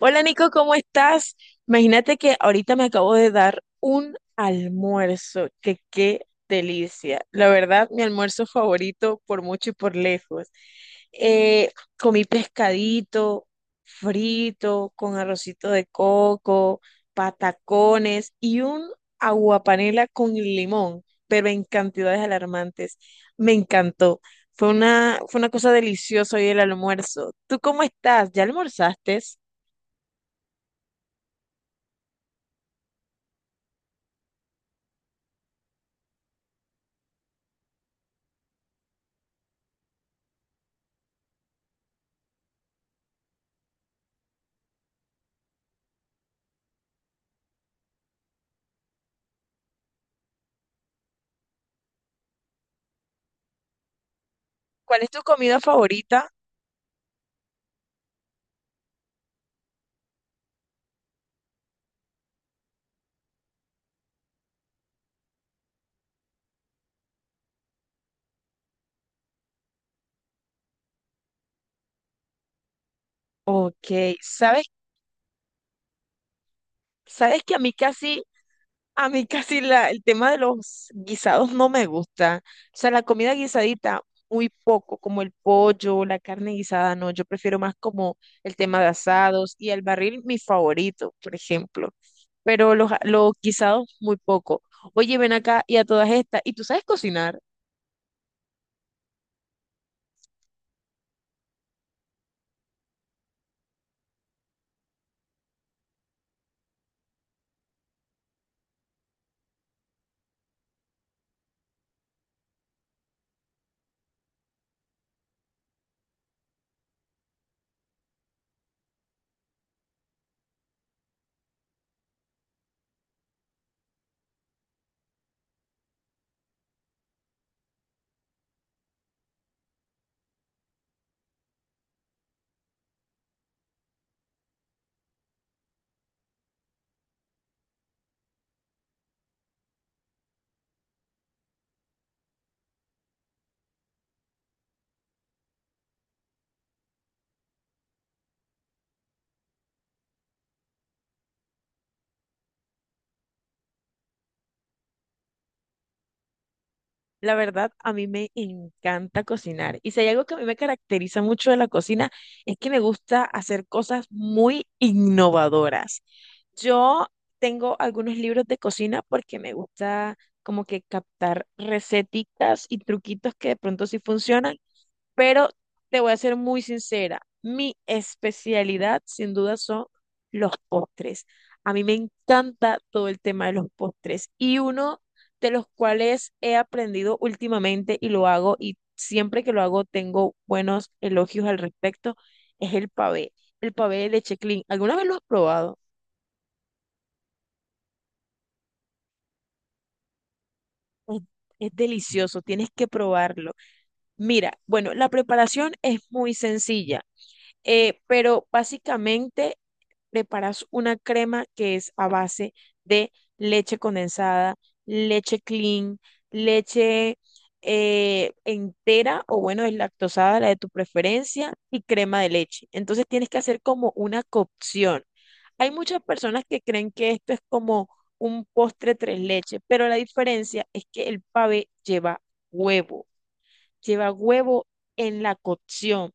Hola Nico, ¿cómo estás? Imagínate que ahorita me acabo de dar un almuerzo, que ¡qué delicia! La verdad, mi almuerzo favorito por mucho y por lejos. Eh, Comí pescadito frito con arrocito de coco, patacones y un aguapanela con limón, pero en cantidades alarmantes. Me encantó. Fue una cosa deliciosa hoy el almuerzo. ¿Tú cómo estás? ¿Ya almorzaste? ¿Cuál es tu comida favorita? Ok, ¿sabes? ¿Sabes que a mí a mí casi el tema de los guisados no me gusta? O sea, la comida guisadita, muy poco, como el pollo, la carne guisada, no, yo prefiero más como el tema de asados y el barril, mi favorito, por ejemplo. Pero los guisados, muy poco. Oye, ven acá y a todas estas, ¿y tú sabes cocinar? La verdad, a mí me encanta cocinar. Y si hay algo que a mí me caracteriza mucho de la cocina, es que me gusta hacer cosas muy innovadoras. Yo tengo algunos libros de cocina porque me gusta como que captar receticas y truquitos que de pronto sí funcionan, pero te voy a ser muy sincera, mi especialidad sin duda son los postres. A mí me encanta todo el tema de los postres y uno de los cuales he aprendido últimamente y lo hago y siempre que lo hago tengo buenos elogios al respecto es el pavé de leche clean. ¿Alguna vez lo has probado? Es es delicioso, tienes que probarlo. Mira, bueno, la preparación es muy sencilla. Pero básicamente preparas una crema que es a base de leche condensada, leche clean, leche entera o bueno, deslactosada, la de tu preferencia, y crema de leche. Entonces tienes que hacer como una cocción. Hay muchas personas que creen que esto es como un postre tres leches, pero la diferencia es que el pavé huevo, lleva huevo en la cocción,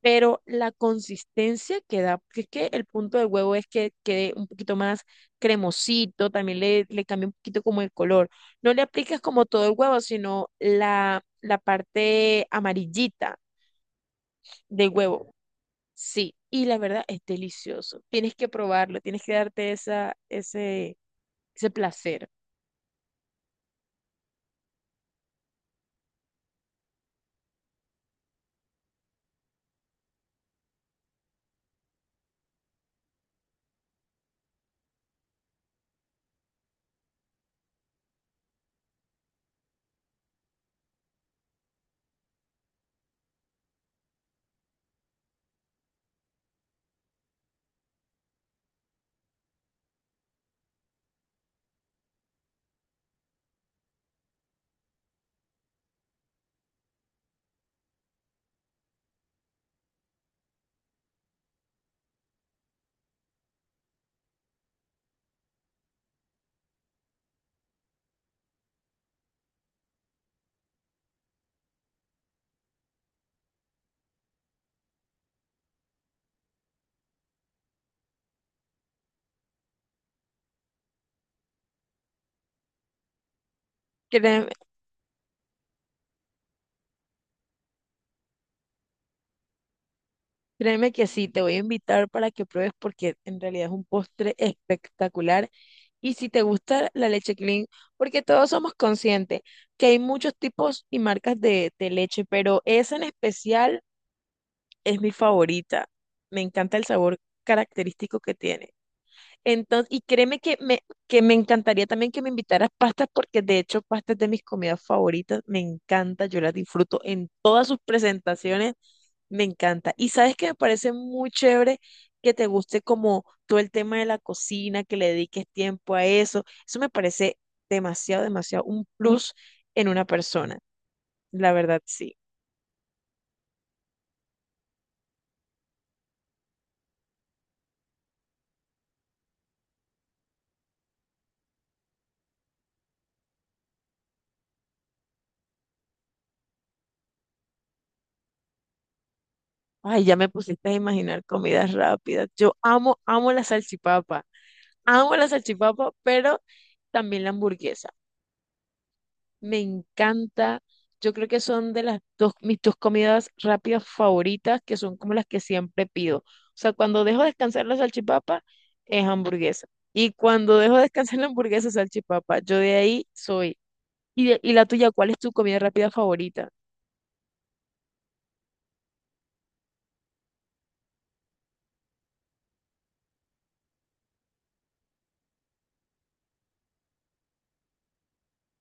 pero la consistencia que da, porque es que el punto del huevo es que quede un poquito más cremosito, también le cambia un poquito como el color. No le aplicas como todo el huevo, sino la parte amarillita del huevo. Sí, y la verdad es delicioso. Tienes que probarlo, tienes que darte ese placer. Que te- Créeme que sí, te voy a invitar para que pruebes porque en realidad es un postre espectacular. Y si te gusta la leche clean, porque todos somos conscientes que hay muchos tipos y marcas de leche, pero esa en especial es mi favorita. Me encanta el sabor característico que tiene. Entonces, y que me encantaría también que me invitaras pastas, porque de hecho pastas de mis comidas favoritas, me encanta, yo las disfruto en todas sus presentaciones, me encanta. Y sabes que me parece muy chévere que te guste como todo el tema de la cocina, que le dediques tiempo a eso. Eso me parece demasiado, demasiado un plus en una persona. La verdad, sí. Ay, ya me pusiste a imaginar comidas rápidas. Amo la salchipapa. Amo la salchipapa, pero también la hamburguesa. Me encanta. Yo creo que son de las dos, mis dos comidas rápidas favoritas, que son como las que siempre pido. O sea, cuando dejo descansar la salchipapa, es hamburguesa. Y cuando dejo descansar la hamburguesa, salchipapa. Yo de ahí soy. Y la tuya, ¿cuál es tu comida rápida favorita?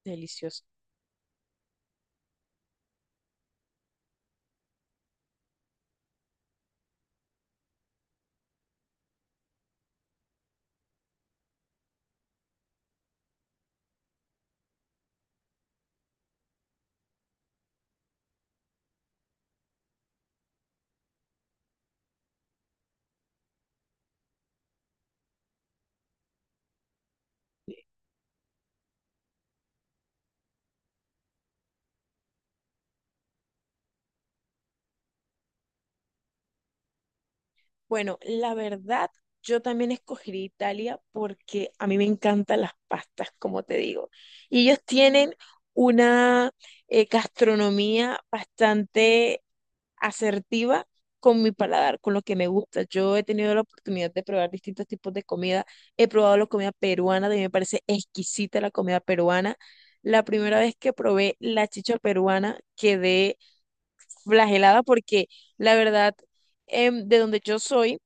Delicioso. Bueno, la verdad, yo también escogería Italia porque a mí me encantan las pastas, como te digo. Y ellos tienen una gastronomía bastante asertiva con mi paladar, con lo que me gusta. Yo he tenido la oportunidad de probar distintos tipos de comida. He probado la comida peruana, de mí me parece exquisita la comida peruana. La primera vez que probé la chicha peruana quedé flagelada porque la verdad, de donde yo soy,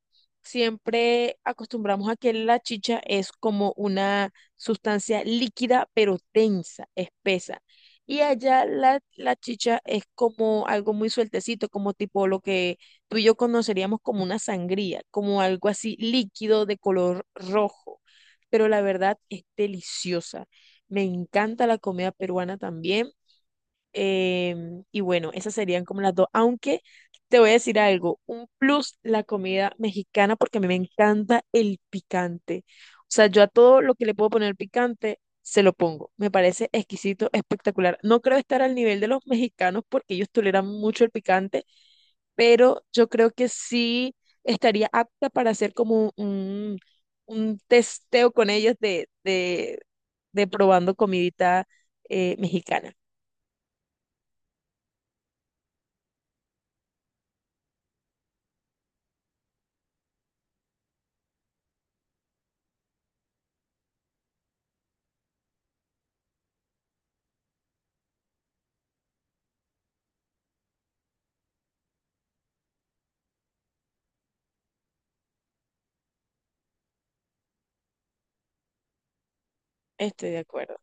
siempre acostumbramos a que la chicha es como una sustancia líquida pero densa, espesa. Y allá la chicha es como algo muy sueltecito, como tipo lo que tú y yo conoceríamos como una sangría, como algo así líquido de color rojo. Pero la verdad es deliciosa. Me encanta la comida peruana también. Y bueno, esas serían como las dos. Aunque te voy a decir algo, un plus la comida mexicana porque a mí me encanta el picante. O sea, yo a todo lo que le puedo poner picante, se lo pongo. Me parece exquisito, espectacular. No creo estar al nivel de los mexicanos porque ellos toleran mucho el picante, pero yo creo que sí estaría apta para hacer como un testeo con ellos de probando comidita mexicana. Estoy de acuerdo.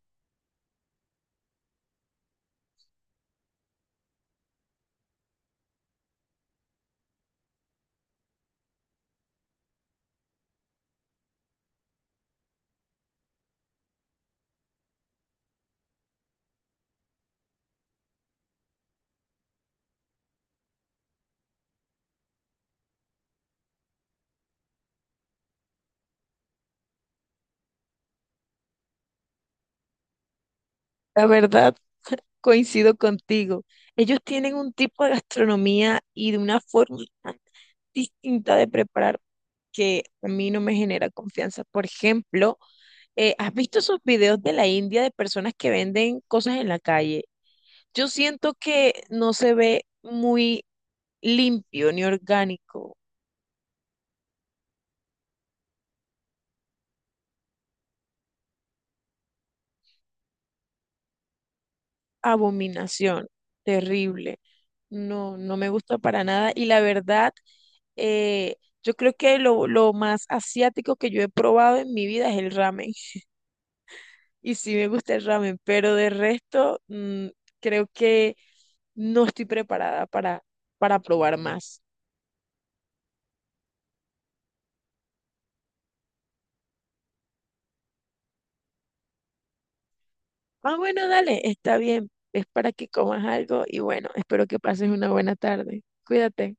La verdad, coincido contigo. Ellos tienen un tipo de gastronomía y de una forma tan distinta de preparar que a mí no me genera confianza. Por ejemplo, ¿has visto esos videos de la India de personas que venden cosas en la calle? Yo siento que no se ve muy limpio ni orgánico. Abominación, terrible. No, no me gusta para nada. Y la verdad, eh, yo creo que lo más asiático que yo he probado en mi vida es el ramen. Y sí me gusta el ramen, pero de resto, mm, creo que no estoy preparada para probar más. Ah, bueno, dale, está bien. Es para que comas algo y bueno, espero que pases una buena tarde. Cuídate.